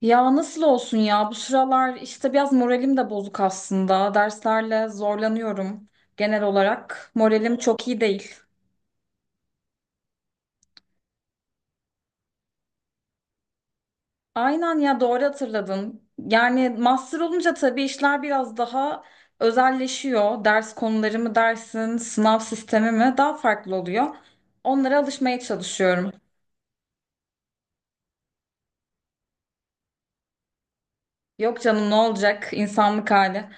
Ya nasıl olsun ya? Bu sıralar işte biraz moralim de bozuk aslında. Derslerle zorlanıyorum genel olarak. Moralim çok iyi değil. Aynen ya doğru hatırladın. Yani master olunca tabii işler biraz daha özelleşiyor. Ders konuları mı dersin, sınav sistemi mi daha farklı oluyor. Onlara alışmaya çalışıyorum. Yok canım ne olacak insanlık hali.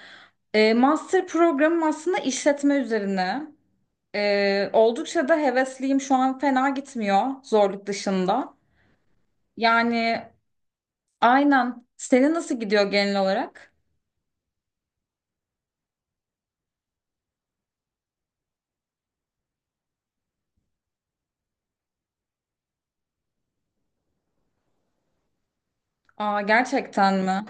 Master programım aslında işletme üzerine. Oldukça da hevesliyim. Şu an fena gitmiyor zorluk dışında. Yani aynen. Senin nasıl gidiyor genel olarak? Aa, gerçekten mi?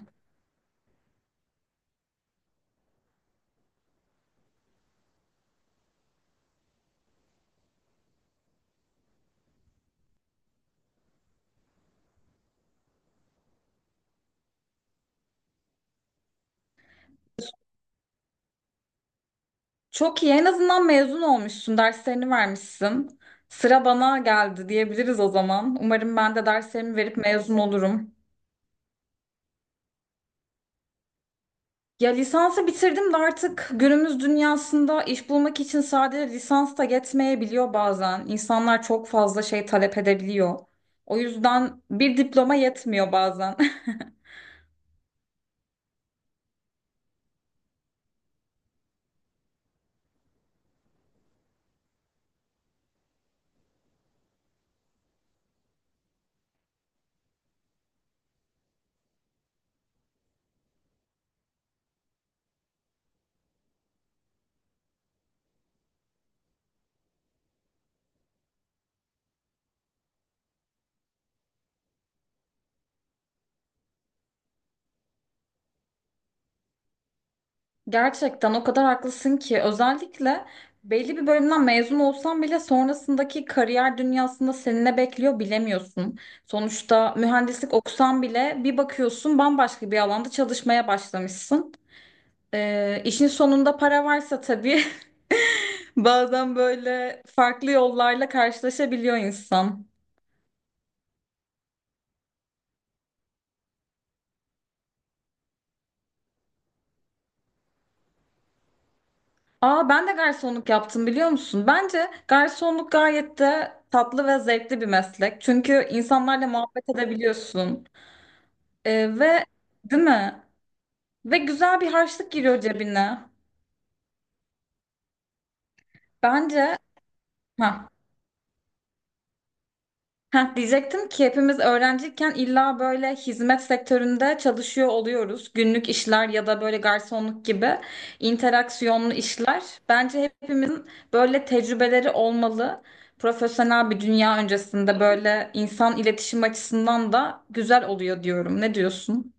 Çok iyi. En azından mezun olmuşsun. Derslerini vermişsin. Sıra bana geldi diyebiliriz o zaman. Umarım ben de derslerimi verip mezun olurum. Ya lisansı bitirdim de artık günümüz dünyasında iş bulmak için sadece lisans da yetmeyebiliyor bazen. İnsanlar çok fazla şey talep edebiliyor. O yüzden bir diploma yetmiyor bazen. Gerçekten o kadar haklısın ki özellikle belli bir bölümden mezun olsan bile sonrasındaki kariyer dünyasında seni ne bekliyor bilemiyorsun. Sonuçta mühendislik okusan bile bir bakıyorsun bambaşka bir alanda çalışmaya başlamışsın. İşin sonunda para varsa tabii bazen böyle farklı yollarla karşılaşabiliyor insan. Aa ben de garsonluk yaptım biliyor musun? Bence garsonluk gayet de tatlı ve zevkli bir meslek. Çünkü insanlarla muhabbet edebiliyorsun. Ve değil mi? Ve güzel bir harçlık giriyor cebine. Bence Heh. Diyecektim ki hepimiz öğrenciyken illa böyle hizmet sektöründe çalışıyor oluyoruz. Günlük işler ya da böyle garsonluk gibi interaksiyonlu işler. Bence hepimizin böyle tecrübeleri olmalı. Profesyonel bir dünya öncesinde böyle insan iletişim açısından da güzel oluyor diyorum. Ne diyorsun?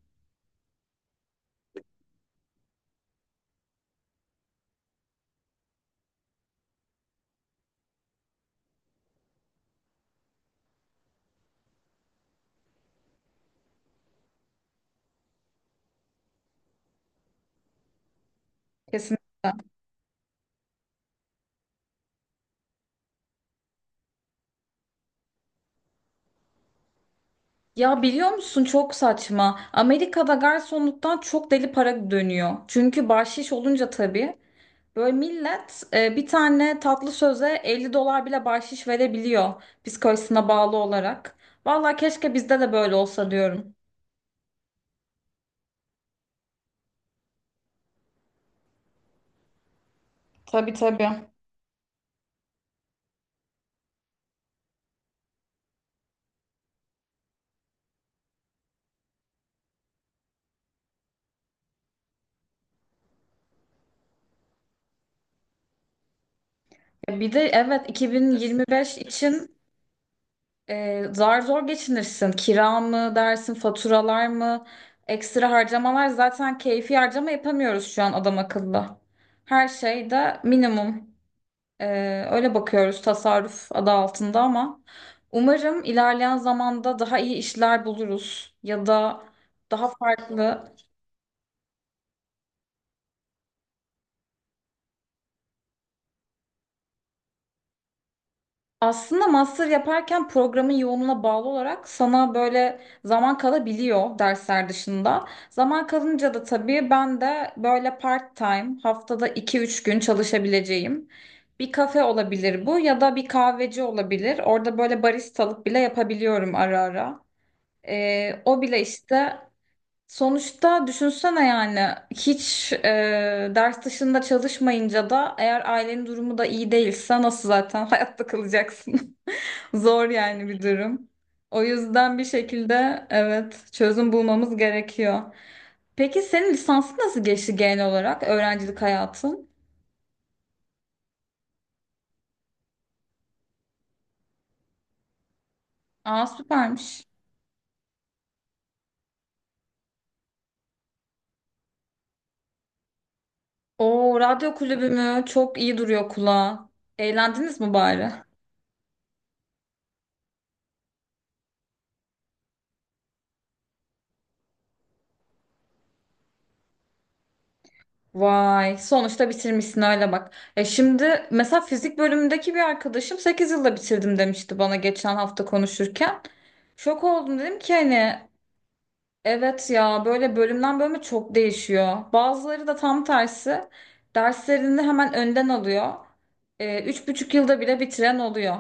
Kesinlikle. Ya biliyor musun çok saçma. Amerika'da garsonluktan çok deli para dönüyor. Çünkü bahşiş olunca tabii. Böyle millet bir tane tatlı söze 50 dolar bile bahşiş verebiliyor psikolojisine bağlı olarak. Vallahi keşke bizde de böyle olsa diyorum. Tabii tabii. Bir de evet 2025 için zar zor geçinirsin. Kira mı dersin, faturalar mı, ekstra harcamalar zaten keyfi harcama yapamıyoruz şu an adam akıllı. Her şey de minimum. Öyle bakıyoruz tasarruf adı altında ama umarım ilerleyen zamanda daha iyi işler buluruz ya da daha farklı. Aslında master yaparken programın yoğunluğuna bağlı olarak sana böyle zaman kalabiliyor dersler dışında. Zaman kalınca da tabii ben de böyle part time haftada iki üç gün çalışabileceğim bir kafe olabilir bu ya da bir kahveci olabilir. Orada böyle baristalık bile yapabiliyorum ara ara. O bile işte. Sonuçta düşünsene yani hiç ders dışında çalışmayınca da eğer ailenin durumu da iyi değilse nasıl zaten hayatta kalacaksın? Zor yani bir durum. O yüzden bir şekilde evet çözüm bulmamız gerekiyor. Peki senin lisansın nasıl geçti genel olarak öğrencilik hayatın? Aa süpermiş. Oo radyo kulübü mü? Çok iyi duruyor kulağa. Eğlendiniz mi bari? Vay, sonuçta bitirmişsin hala bak. E şimdi mesela fizik bölümündeki bir arkadaşım 8 yılda bitirdim demişti bana geçen hafta konuşurken. Şok oldum dedim ki hani evet ya böyle bölümden bölüme çok değişiyor. Bazıları da tam tersi derslerini hemen önden alıyor. 3,5 yılda bile bitiren oluyor.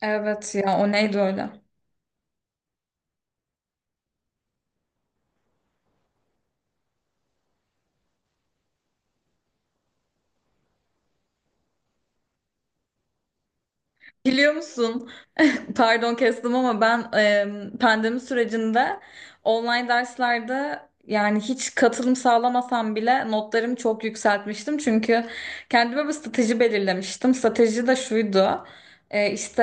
Evet ya o neydi öyle? Biliyor musun? Pardon kestim ama ben pandemi sürecinde online derslerde yani hiç katılım sağlamasam bile notlarımı çok yükseltmiştim. Çünkü kendime bir strateji belirlemiştim. Strateji de şuydu. E, işte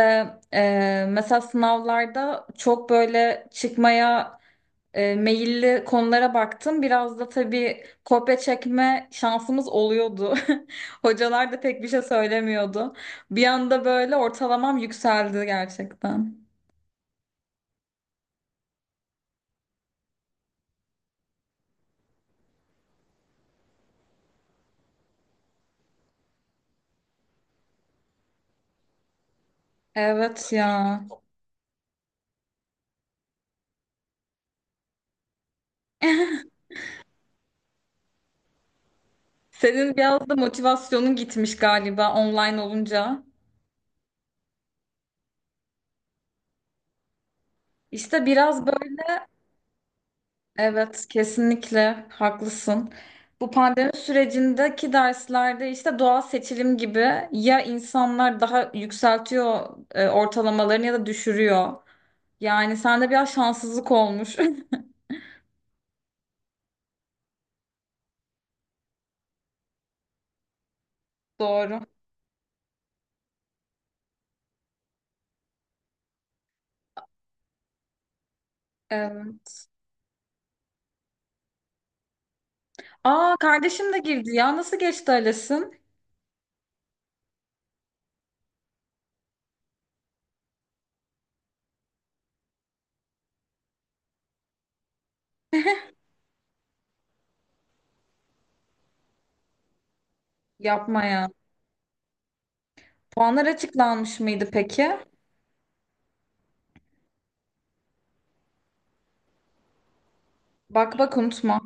e, mesela sınavlarda çok böyle çıkmaya meyilli konulara baktım. Biraz da tabii kopya çekme şansımız oluyordu. Hocalar da pek bir şey söylemiyordu. Bir anda böyle ortalamam yükseldi gerçekten. Evet ya. Senin biraz da motivasyonun gitmiş galiba online olunca. İşte biraz böyle. Evet, kesinlikle haklısın. Bu pandemi sürecindeki derslerde işte doğal seçilim gibi ya insanlar daha yükseltiyor ortalamalarını ya da düşürüyor. Yani sende biraz şanssızlık olmuş. Doğru. Evet. Aa kardeşim de girdi ya. Nasıl geçti Ales'in? Yapmaya. Puanlar açıklanmış mıydı peki? Bak bak unutma.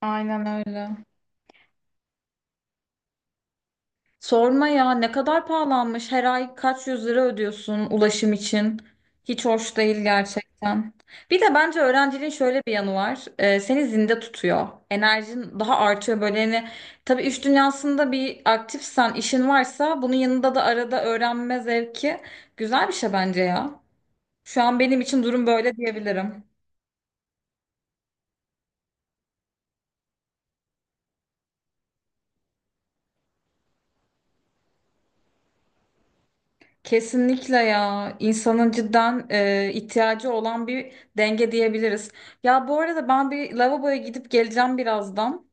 Aynen öyle. Sorma ya ne kadar pahalanmış. Her ay kaç yüz lira ödüyorsun ulaşım için. Hiç hoş değil gerçekten. Bir de bence öğrenciliğin şöyle bir yanı var. Seni zinde tutuyor. Enerjin daha artıyor böyle. Yani, tabii iş dünyasında bir aktifsen, işin varsa bunun yanında da arada öğrenme zevki güzel bir şey bence ya. Şu an benim için durum böyle diyebilirim. Kesinlikle ya insanın cidden ihtiyacı olan bir denge diyebiliriz. Ya bu arada ben bir lavaboya gidip geleceğim birazdan.